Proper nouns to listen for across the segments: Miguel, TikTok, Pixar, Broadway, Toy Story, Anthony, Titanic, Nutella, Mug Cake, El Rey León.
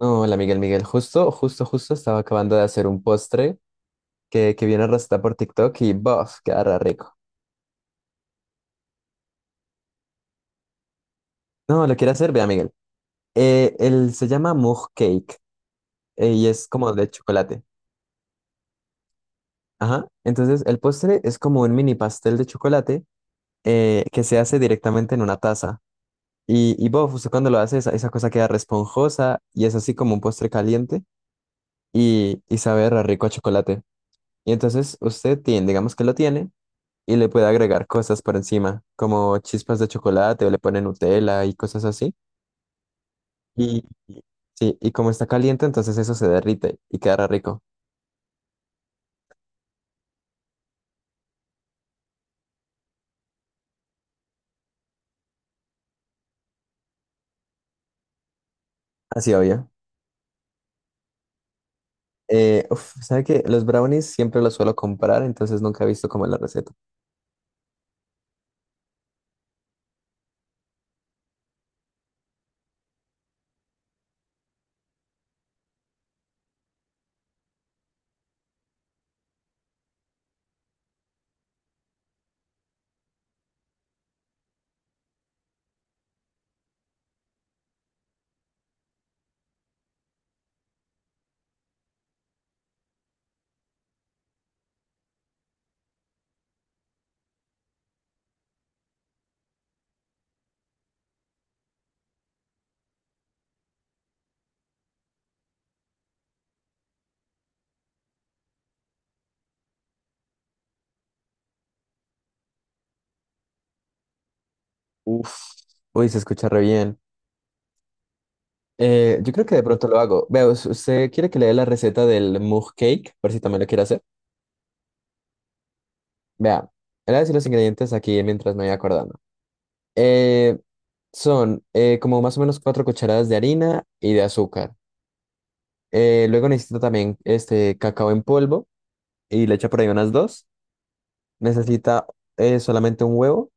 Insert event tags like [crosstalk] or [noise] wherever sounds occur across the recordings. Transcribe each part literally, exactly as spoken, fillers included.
No, hola Miguel, Miguel, justo, justo, justo estaba acabando de hacer un postre que, que viene receta por TikTok y ¡bof! Quedará rico. No, lo quiere hacer, vea Miguel. Eh, él se llama Mug Cake, eh, y es como de chocolate. Ajá. Entonces el postre es como un mini pastel de chocolate, eh, que se hace directamente en una taza. Y, y ¡bof! Usted cuando lo hace esa, esa cosa queda responjosa y es así como un postre caliente, y, y sabe re rico a chocolate. Y entonces usted tiene, digamos que lo tiene. Y le puede agregar cosas por encima, como chispas de chocolate o le pone Nutella y cosas así. Y sí, y como está caliente, entonces eso se derrite y quedará rico. Así obvio. Eh, uf, ¿sabe qué? Los brownies siempre los suelo comprar, entonces nunca he visto como la receta. Uf, uy, se escucha re bien. Eh, yo creo que de pronto lo hago. Vea, ¿us- ¿usted quiere que le dé la receta del mug cake? Por si también lo quiere hacer. Vea, le voy a decir los ingredientes aquí mientras me voy acordando. Eh, son eh, como más o menos cuatro cucharadas de harina y de azúcar. Eh, luego necesita también este cacao en polvo y le echa por ahí unas dos. Necesita eh, solamente un huevo.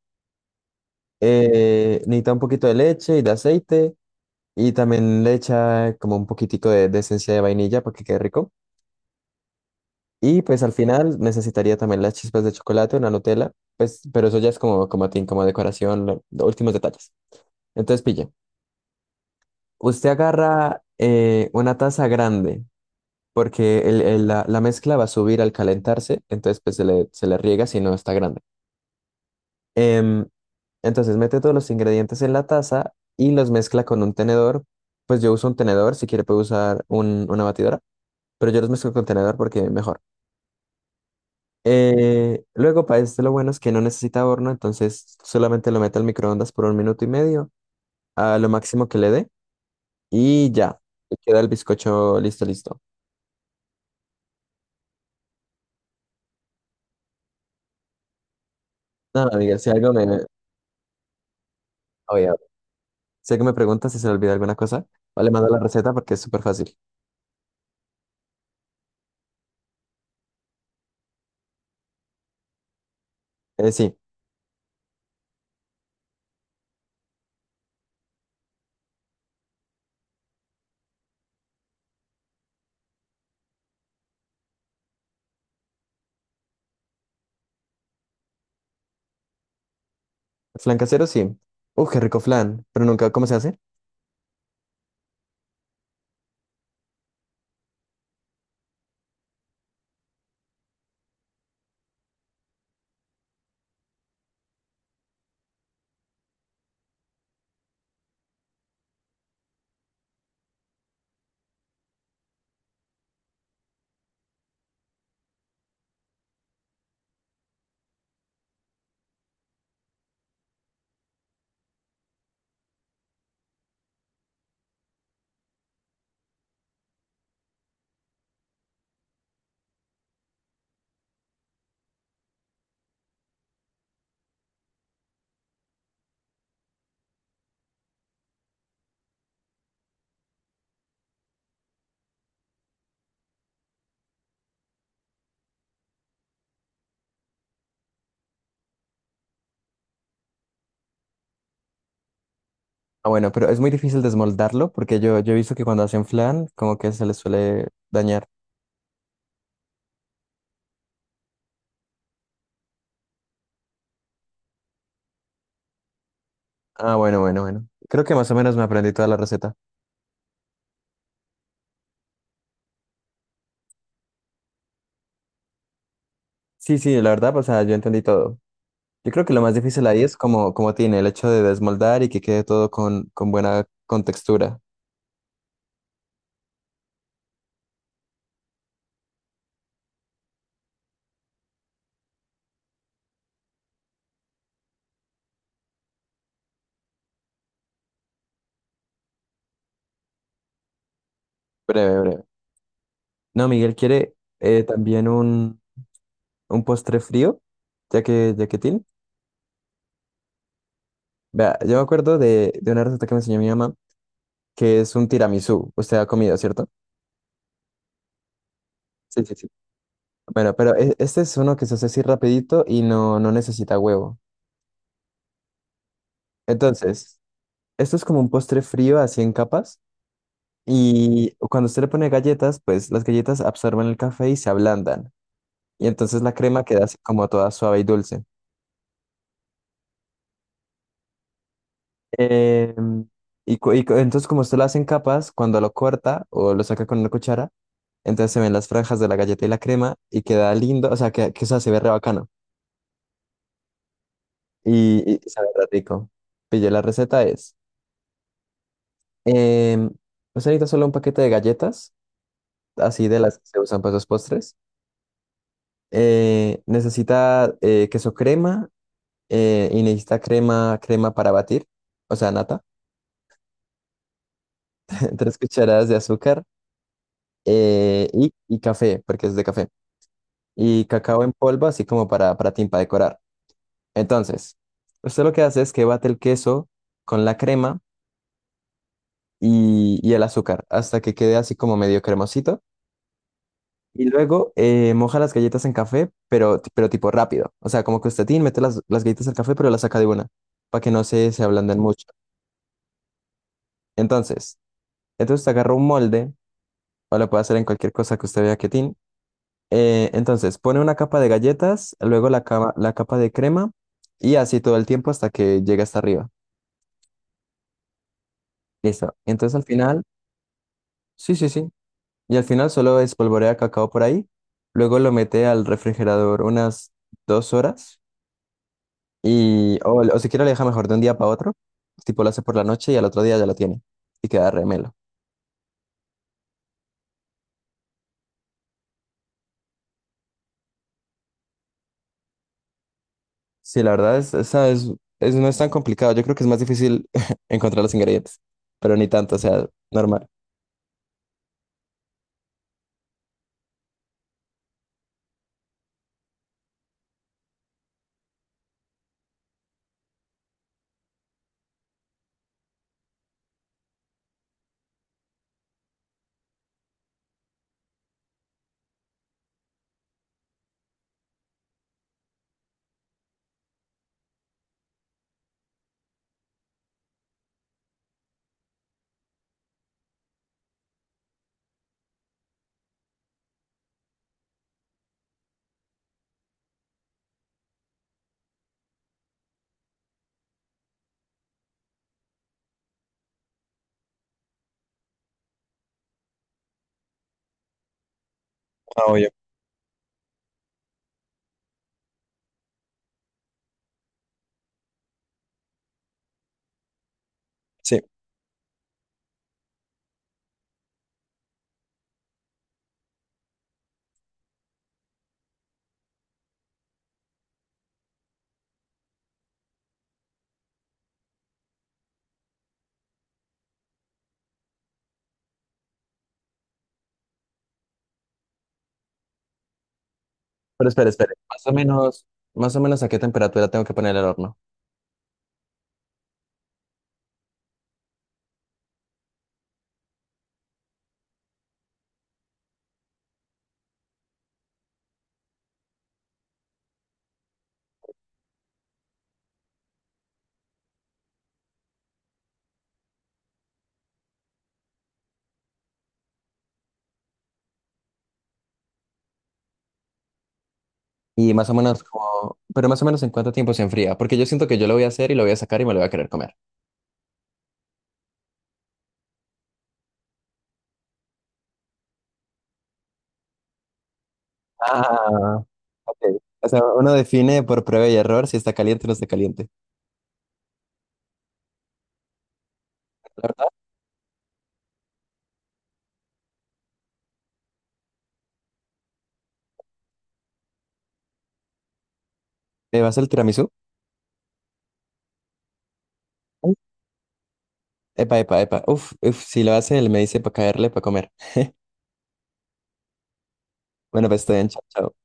Eh, necesita un poquito de leche y de aceite. Y también le echa como un poquitico de, de esencia de vainilla para que quede rico. Y pues al final necesitaría también las chispas de chocolate, una Nutella. Pues, pero eso ya es como, como a ti, como decoración, lo- los últimos detalles. Entonces pille. Usted agarra eh, una taza grande porque el- el- la, la mezcla va a subir al calentarse, entonces pues se le, se le riega si no está grande. Em, entonces mete todos los ingredientes en la taza y los mezcla con un tenedor. Pues yo uso un tenedor, si quiere puede usar un- una batidora, pero yo los mezclo con tenedor porque mejor. Eh, luego para este lo bueno es que no necesita horno, entonces solamente lo mete al microondas por un minuto y medio, a lo máximo que le dé y ya, queda el bizcocho listo, listo. No, no, Miguel, si algo me... Oye, si algo me preguntas si se le olvida alguna cosa, vale, mando la receta porque es súper fácil. Eh, sí, flan casero, sí. Uf, qué rico flan, pero nunca, ¿cómo se hace? Ah, bueno, pero es muy difícil desmoldarlo porque yo, yo he visto que cuando hacen flan, como que se les suele dañar. Ah, bueno, bueno, bueno. Creo que más o menos me aprendí toda la receta. Sí, sí, la verdad, o sea, yo entendí todo. Yo creo que lo más difícil ahí es como, como tiene el hecho de desmoldar y que quede todo con, con buena contextura. Breve, breve. No, Miguel quiere eh, también un... un postre frío, ya que, ya que tiene. Vea, yo me acuerdo de, de una receta que me enseñó mi mamá, que es un tiramisú. Usted ha comido, ¿cierto? Sí, sí, sí. Bueno, pero e- este es uno que se hace así rapidito y no, no necesita huevo. Entonces, esto es como un postre frío así en capas y cuando usted le pone galletas, pues las galletas absorben el café y se ablandan. Y entonces la crema queda así como toda suave y dulce. Eh, y, cu- y cu- entonces como usted lo hace en capas, cuando lo corta o lo saca con una cuchara, entonces se ven las franjas de la galleta y la crema y queda lindo, o sea, que, que o sea, se ve re bacano, y, y sabe re rico. Pillé la receta es, em, usted necesita solo un paquete de galletas, así de las que se usan para esos postres. Eh, necesita eh, queso crema, eh, y necesita crema, crema para batir, o sea, nata, [laughs] tres cucharadas de azúcar, eh, y, y café, porque es de café. Y cacao en polvo, así como para, para ti, para decorar. Entonces, usted lo que hace es que bate el queso con la crema y, y el azúcar hasta que quede así como medio cremosito. Y luego eh, moja las galletas en café, pero, pero tipo rápido. O sea, como que usted tiene, mete las, las galletas al café, pero las saca de una, para que no se, se ablanden mucho. Entonces, entonces usted agarra un molde, o lo puede hacer en cualquier cosa que usted vea que tiene. Eh, entonces, pone una capa de galletas, luego la cama- la capa de crema y así todo el tiempo hasta que llegue hasta arriba. Listo. Entonces al final, sí, sí, sí. Y al final solo espolvorea cacao por ahí. Luego lo mete al refrigerador unas dos horas y, o, o si quiere, lo deja mejor de un día para otro. Tipo lo hace por la noche y al otro día ya lo tiene y queda remelo. Sí, la verdad es, esa es, es- no es tan complicado. Yo creo que es más difícil [laughs] encontrar los ingredientes, pero ni tanto, o sea, normal. Ah, obvio. Sí. Pero espere, espere. Más o menos, más o menos a qué temperatura tengo que poner el horno. Y más o menos como, pero más o menos en cuánto tiempo se enfría. Porque yo siento que yo lo voy a hacer y lo voy a sacar y me lo voy a querer comer. Ah, ok. O sea, uno define por prueba y error si está caliente o no está caliente. ¿La verdad? ¿Me vas el tiramisú? Epa, epa, epa. Uf, uf, si lo hace, él me dice para caerle, para comer. Bueno, pues estoy en chao. Chao.